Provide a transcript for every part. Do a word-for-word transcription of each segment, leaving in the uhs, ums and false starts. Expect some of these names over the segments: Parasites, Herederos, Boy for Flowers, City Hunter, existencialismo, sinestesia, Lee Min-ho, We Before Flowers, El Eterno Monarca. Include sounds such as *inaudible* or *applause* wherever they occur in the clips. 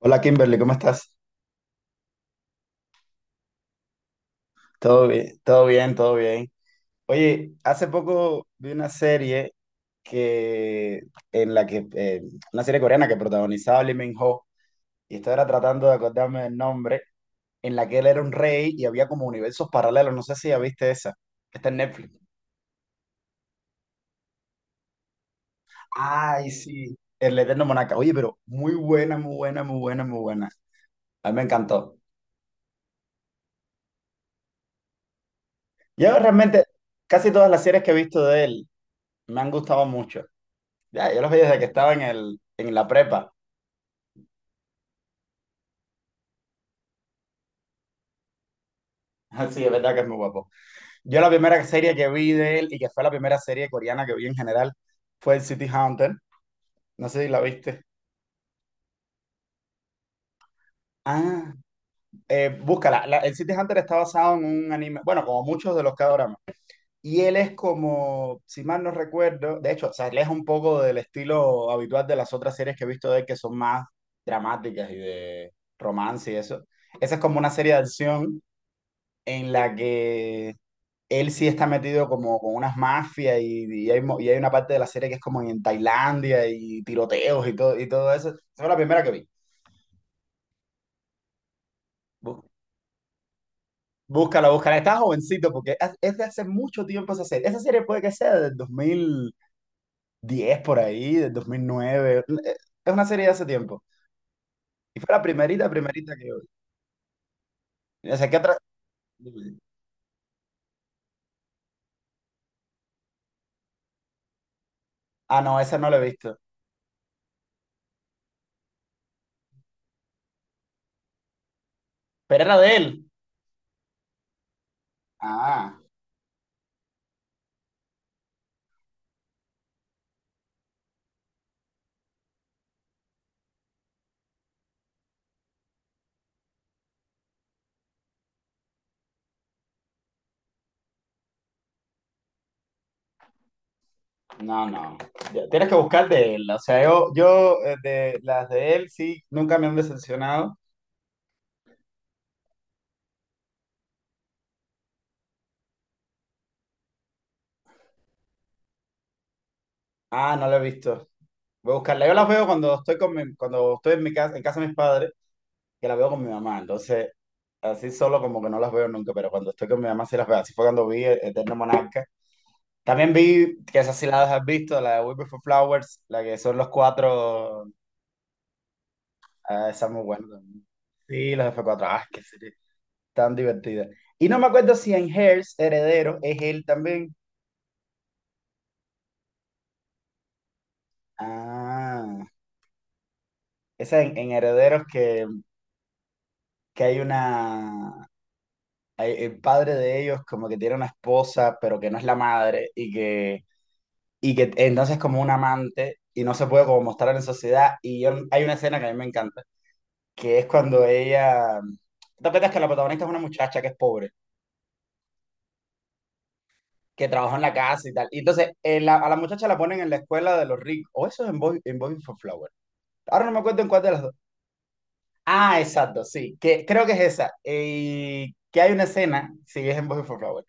Hola Kimberly, ¿cómo estás? Todo bien, todo bien, todo bien. Oye, hace poco vi una serie que en la que eh, una serie coreana que protagonizaba Lee Min-ho y estaba ahora tratando de acordarme del nombre, en la que él era un rey y había como universos paralelos. No sé si ya viste esa. Está en Netflix. Ay, sí. El Eterno Monarca. Oye, pero muy buena, muy buena, muy buena, muy buena. A mí me encantó. Yo realmente casi todas las series que he visto de él me han gustado mucho. Ya, yo los vi desde que estaba en el, en la prepa. *laughs* Sí, es verdad que es muy guapo. Yo la primera serie que vi de él y que fue la primera serie coreana que vi en general fue el City Hunter. No sé si la viste. Ah, eh, búscala. La- el City Hunter está basado en un anime, bueno, como muchos de los K-dramas. Y él es como, si mal no recuerdo, de hecho, se aleja un poco del estilo habitual de las otras series que he visto de él, que son más dramáticas y de romance y eso. Esa es como una serie de acción en la que él sí está metido como con unas mafias y, y hay, mo- y hay una parte de la serie que es como en Tailandia y tiroteos y todo, y todo eso. Esa fue la primera que vi. Bú- Búscala, búscala. Está jovencito porque es es de hace mucho tiempo esa serie. Esa serie puede que sea del dos mil diez por ahí, del dos mil nueve. Es una serie de hace tiempo. Y fue la primerita, primerita que yo vi. O sea, ¿qué otra? Ah, no, esa no la he visto. Pero era de él. Ah. No, no. Ya, tienes que buscar de él. O sea, yo, yo eh, de las de él sí, nunca me han decepcionado. Ah, no lo he visto. Voy a buscarla. Yo las veo cuando estoy con mi- cuando estoy en mi casa, en casa de mis padres, que las veo con mi mamá. Entonces, así solo como que no las veo nunca, pero cuando estoy con mi mamá sí las veo. Así fue cuando vi eh, Eterno Monarca. También vi, que esas sí las has visto, la de We Before Flowers, la que son los cuatro. Ah, esa es muy buena también. Sí, los F cuatro. Ah, qué serie tan divertida. Y no me acuerdo si en Hairs, Heredero, es él también. Ah, esa en, en Herederos que, que hay una... hay- El padre de ellos como que tiene una esposa, pero que no es la madre y que, y que entonces es como un amante y no se puede como mostrar en sociedad. Y yo, hay una escena que a mí me encanta, que es cuando ella... ¿Te acuerdas que la protagonista es una muchacha que es pobre, que trabaja en la casa y tal? Y entonces eh, la- a la muchacha la ponen en la escuela de los ricos. O eso es en Boy, en Boy for Flowers. Ahora no me acuerdo en cuál de las dos. Ah, exacto, sí. Que, creo que es esa. Eh, que hay una escena, sí, es en Boy for Flower,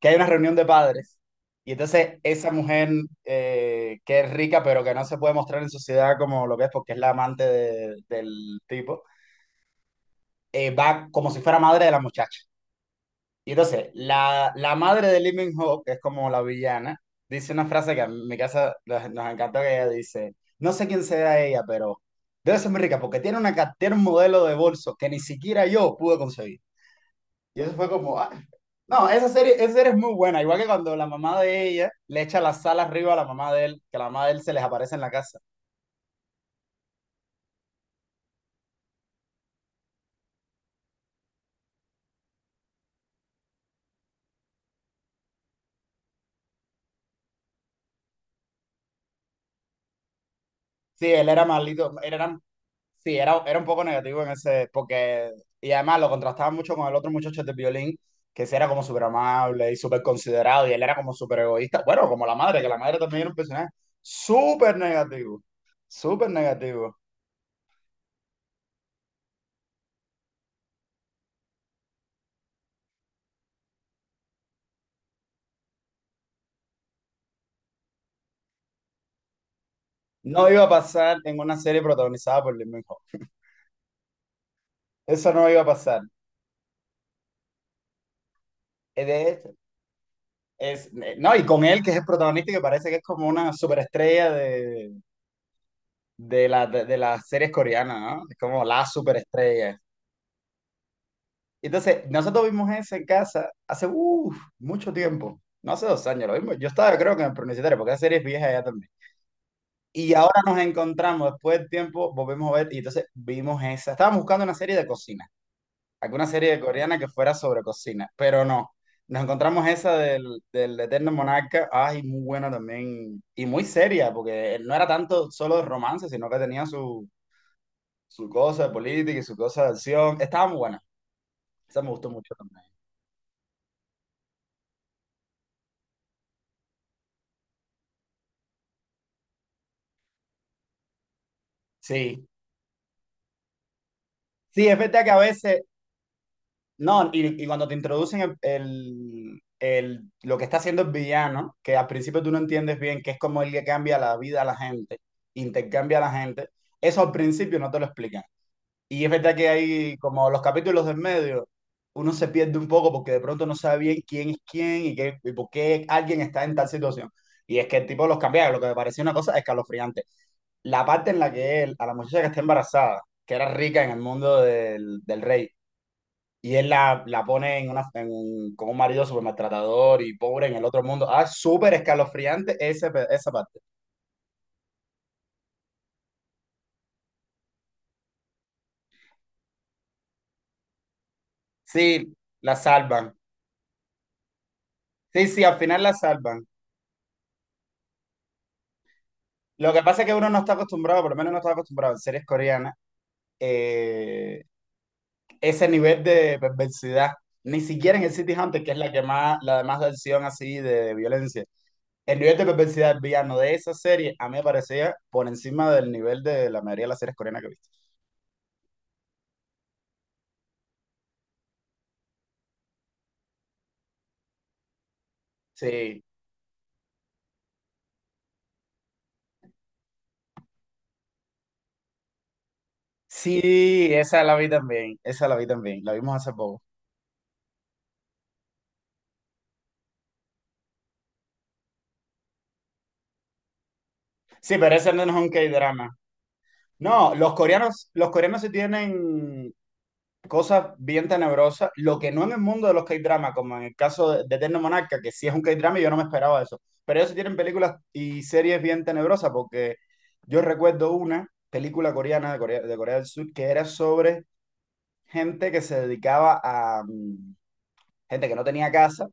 que hay una reunión de padres. Y entonces esa mujer eh, que es rica, pero que no se puede mostrar en sociedad como lo que es porque es la amante de- del tipo, eh, va como si fuera madre de la muchacha. Y entonces, la, la madre de Lee min que es como la villana, dice una frase que a mi casa nos, nos encantó que ella dice, no sé quién sea ella, pero debe ser muy rica porque tiene, una, ca- tiene un modelo de bolso que ni siquiera yo pude conseguir. Y eso fue como, ah. No, esa serie, esa serie es muy buena, igual que cuando la mamá de ella le echa la sal arriba a la mamá de él, que la mamá de él se les aparece en la casa. Sí, él era maldito, eran sí, era, era un poco negativo en ese, porque, y además lo contrastaba mucho con el otro muchacho de violín, que sí era como súper amable y súper considerado, y él era como súper egoísta, bueno, como la madre, que la madre también era un personaje súper negativo, súper negativo. No iba a pasar en una serie protagonizada por Lee Min-ho, eso no iba a pasar. Eh, De hecho, es, eh, no, y con él, que es el protagonista, y que parece que es como una superestrella de, de, la, de, de las series coreanas, ¿no? Es como la superestrella. Entonces, nosotros vimos ese en casa hace uf, mucho tiempo, no hace dos años, lo vimos. Yo estaba, creo que en el preuniversitario, porque esa serie es vieja ya también. Y ahora nos encontramos, después del tiempo, volvemos a ver, y entonces vimos esa. Estábamos buscando una serie de cocina, alguna serie coreana que fuera sobre cocina, pero no. Nos encontramos esa del, del Eterno Monarca, ay, muy buena también, y muy seria, porque no era tanto solo de romance, sino que tenía su, su cosa de política y su cosa de acción. Estaba muy buena, esa me gustó mucho también. Sí, sí, es verdad que a veces, no, y, y cuando te introducen el, el- el- lo que está haciendo el villano, que al principio tú no entiendes bien, que es como él le cambia la vida a la gente, intercambia a la gente, eso al principio no te lo explican. Y es verdad que hay como los capítulos del medio, uno se pierde un poco porque de pronto no sabe bien quién es quién y, qué, y por qué alguien está en tal situación. Y es que el tipo los cambia, lo que me pareció una cosa escalofriante. La parte en la que él, a la muchacha que está embarazada, que era rica en el mundo del del rey, y él la, la pone en una, en un- con un marido súper maltratador y pobre en el otro mundo. Ah, súper escalofriante ese, pe- esa parte. Sí, la salvan. Sí, sí, al final la salvan. Lo que pasa es que uno no está acostumbrado, por lo menos no está acostumbrado en series coreanas, eh, ese nivel de perversidad. Ni siquiera en el City Hunter, que es la que más, la de más de acción así de violencia. El nivel de perversidad del villano de esa serie a mí me parecía por encima del nivel de la mayoría de las series coreanas que he visto. Sí. Sí, esa la vi también, esa la vi también, la vimos hace poco. Sí, pero ese no es un K-drama. No, los coreanos, los coreanos sí tienen cosas bien tenebrosas, lo que no en el mundo de los K-drama, como en el caso de, de Eterno Monarca, que sí es un K-drama y yo no me esperaba eso. Pero ellos sí tienen películas y series bien tenebrosas, porque yo recuerdo una película coreana de Corea, de Corea del Sur que era sobre gente que se dedicaba a, mm, gente que no tenía casa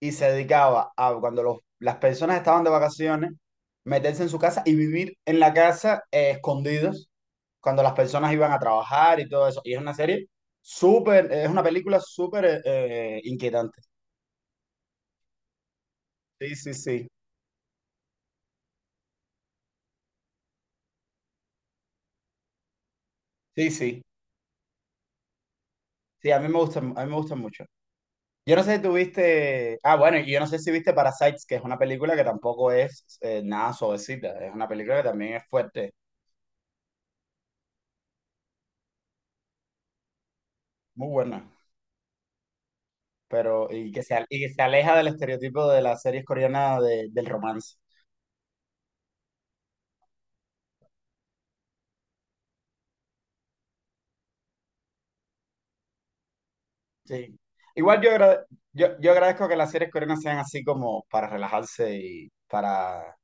y se dedicaba a cuando los, las personas estaban de vacaciones, meterse en su casa y vivir en la casa eh, escondidos cuando las personas iban a trabajar y todo eso. Y es una serie súper, es una película súper eh, eh, inquietante. Sí, sí, sí, sí, sí. Sí, a mí me gusta, a mí me gusta mucho. Yo no sé si tú viste, ah, bueno, y yo no sé si viste Parasites, que es una película que tampoco es eh, nada suavecita, es una película que también es fuerte, muy buena. Pero y que se, y que se aleja del estereotipo de las series coreanas de- del romance. Sí. Igual yo, agra- yo, yo agradezco que las series coreanas sean así como para relajarse y para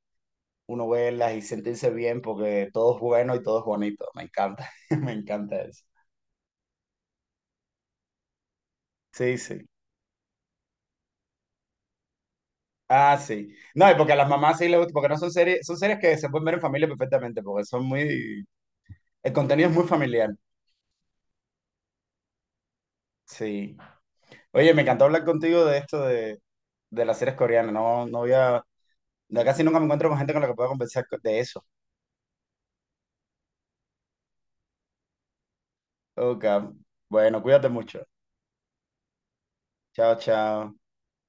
uno verlas y sentirse bien porque todo es bueno y todo es bonito. Me encanta, *laughs* me encanta eso. Sí, sí. Ah, sí. No, y porque a las mamás sí les gusta, porque no son series, son series que se pueden ver en familia perfectamente, porque son muy, el contenido es muy familiar. Sí. Oye, me encantó hablar contigo de esto de, de las series coreanas. No, no había no, casi nunca me encuentro con gente con la que pueda conversar co- de eso. Ok, bueno, cuídate mucho. Chao, chao.